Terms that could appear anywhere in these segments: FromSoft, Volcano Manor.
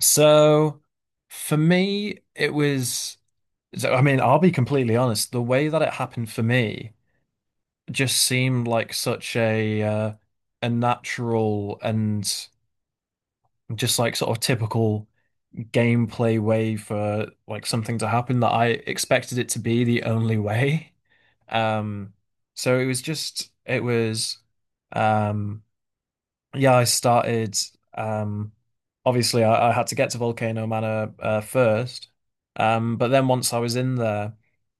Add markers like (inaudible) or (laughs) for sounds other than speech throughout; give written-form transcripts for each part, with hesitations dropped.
So for me, it was, I mean, I'll be completely honest, the way that it happened for me just seemed like such a a natural and just like sort of typical gameplay way for like something to happen that I expected it to be the only way. Um, so it was um, yeah, I started. Um, obviously, I had to get to Volcano Manor first, but then once I was in there,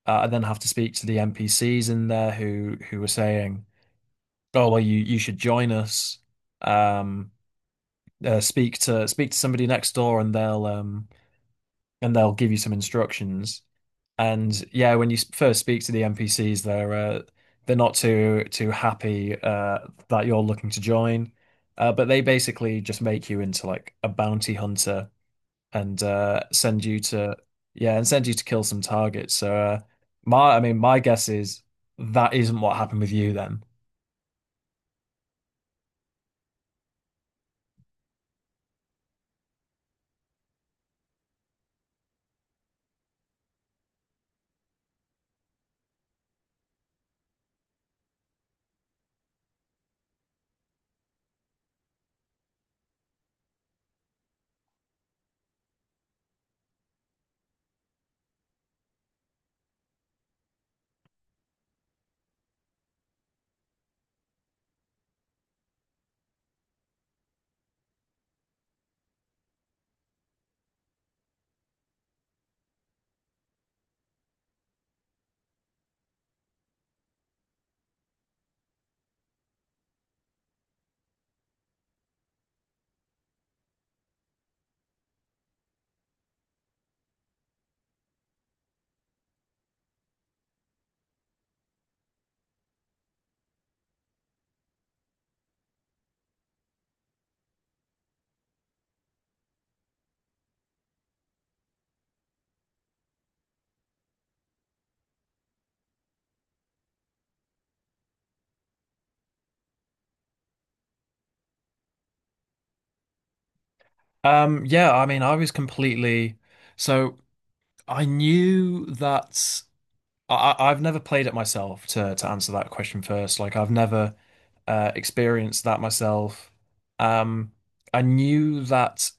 I then have to speak to the NPCs in there who were saying, "Oh, well, you should join us. Um, speak to somebody next door, and they'll give you some instructions. And yeah, when you first speak to the NPCs, they're they're not too happy that you're looking to join, but they basically just make you into like a bounty hunter, and send you to yeah, and send you to kill some targets. So my I mean my guess is that isn't what happened with you then. Yeah, I mean I was completely so I knew that I've never played it myself to answer that question first. Like I've never experienced that myself. Um, I knew that,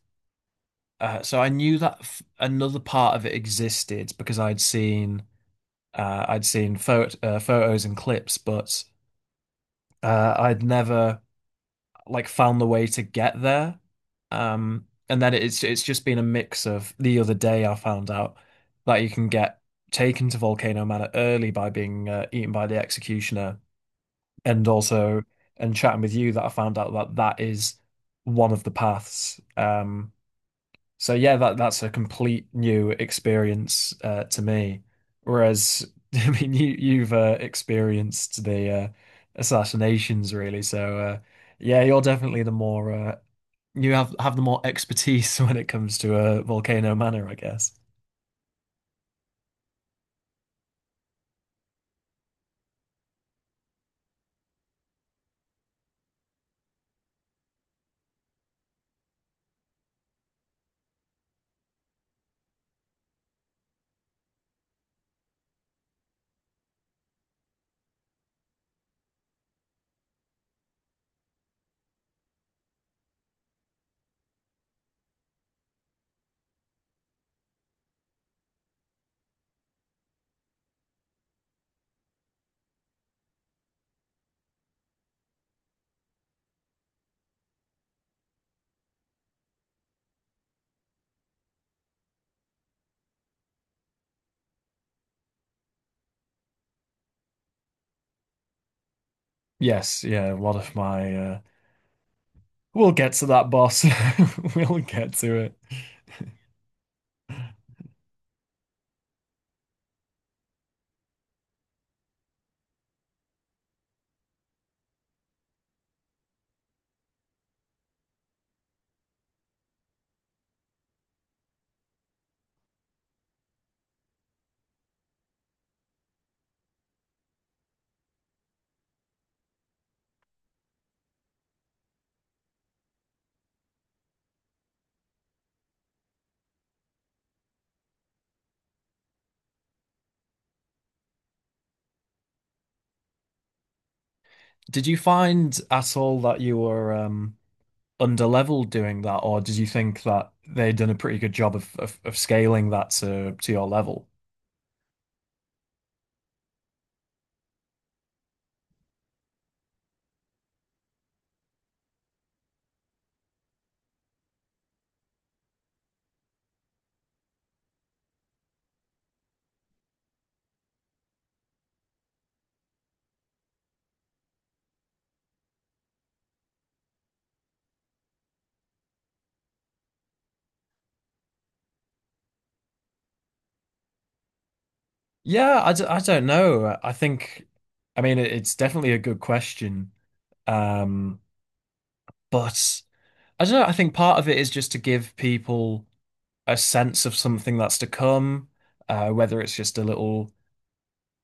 so I knew that f another part of it existed because I'd seen photos and clips, but I'd never like found the way to get there. And then it's just been a mix of the other day I found out that you can get taken to Volcano Manor early by being eaten by the executioner. And also and chatting with you that I found out that that is one of the paths. So yeah, that that's a complete new experience to me. Whereas (laughs) I mean, you've experienced the assassinations really. So yeah, you're definitely the more you have the more expertise (laughs) when it comes to Volcano Manor, I guess. Yes, yeah. One of my we'll get to that, boss. (laughs) We'll get to it. Did you find at all that you were underleveled doing that, or did you think that they'd done a pretty good job of scaling that to your level? Yeah, I don't know. I think, I mean, it's definitely a good question. Um, but I don't know. I think part of it is just to give people a sense of something that's to come, whether it's just a little,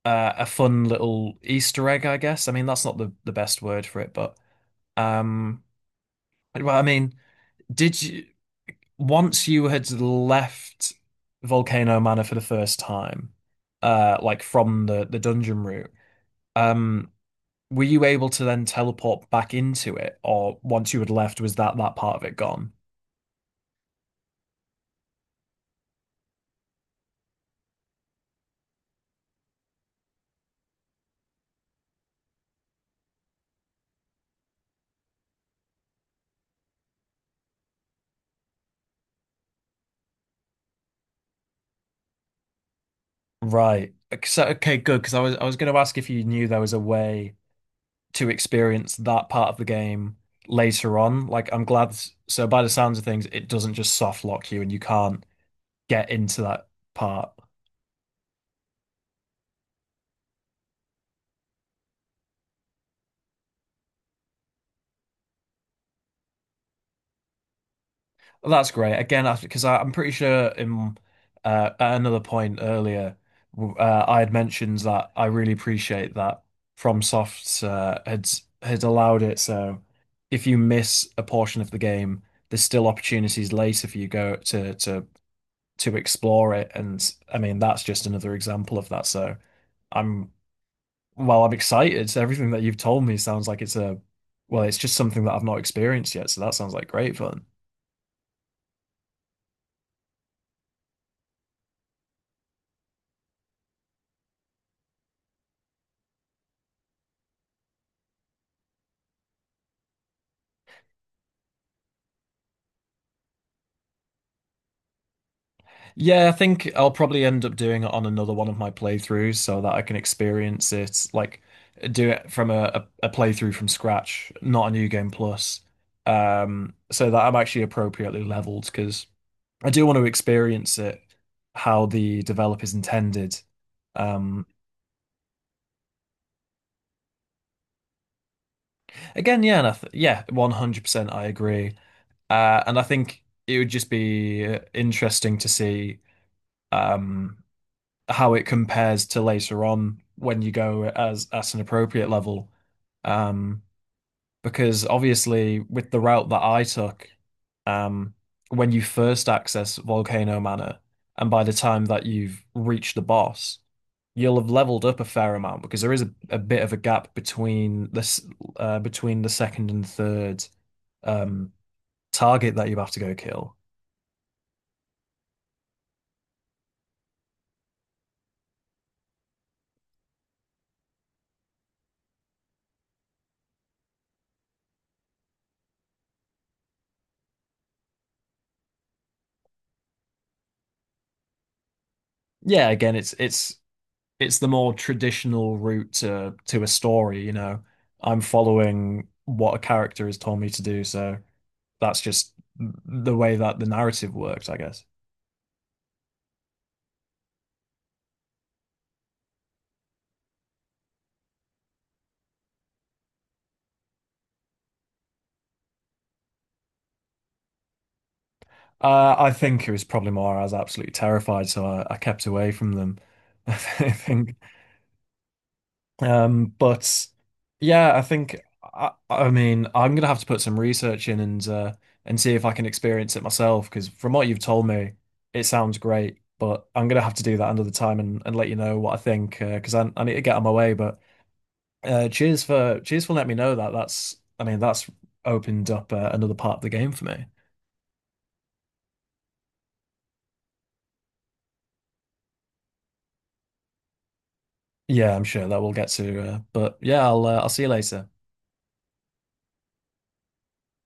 uh, a fun little Easter egg, I guess. I mean, that's not the best word for it, but, um, well, I mean, did you, once you had left Volcano Manor for the first time, like from the dungeon route, um, were you able to then teleport back into it, or once you had left, was that that part of it gone? Right. So, okay, good. Because I was going to ask if you knew there was a way to experience that part of the game later on. Like, I'm glad. So, by the sounds of things, it doesn't just soft lock you, and you can't get into that part. Well, that's great. Again, because I'm pretty sure in at another point earlier, I had mentioned that I really appreciate that FromSoft had allowed it. So if you miss a portion of the game, there's still opportunities later for you go to explore it. And I mean, that's just another example of that. So I'm I'm excited. So everything that you've told me sounds like it's just something that I've not experienced yet. So that sounds like great fun. Yeah, I think I'll probably end up doing it on another one of my playthroughs so that I can experience it, like do it from a playthrough from scratch, not a new game plus. So that I'm actually appropriately leveled because I do want to experience it how the developers intended. Um, again, yeah, and I th yeah, 100% I agree. And I think it would just be interesting to see um, how it compares to later on when you go as at an appropriate level. Um, because obviously, with the route that I took, um, when you first access Volcano Manor, and by the time that you've reached the boss, you'll have leveled up a fair amount because there is a bit of a gap between this between the second and third um target that you have to go kill. Yeah, again, it's the more traditional route to a story, you know. I'm following what a character has told me to do, so that's just the way that the narrative works, I guess. I think it was probably more I was absolutely terrified, so I kept away from them. (laughs) I think but yeah, I think I mean I'm gonna have to put some research in and see if I can experience it myself because from what you've told me, it sounds great. But I'm gonna have to do that another time and let you know what I think 'cause because I need to get on my way. But cheers for letting me know that. That's I mean that's opened up another part of the game for me. Yeah, I'm sure that we'll get to. But yeah, I'll see you later.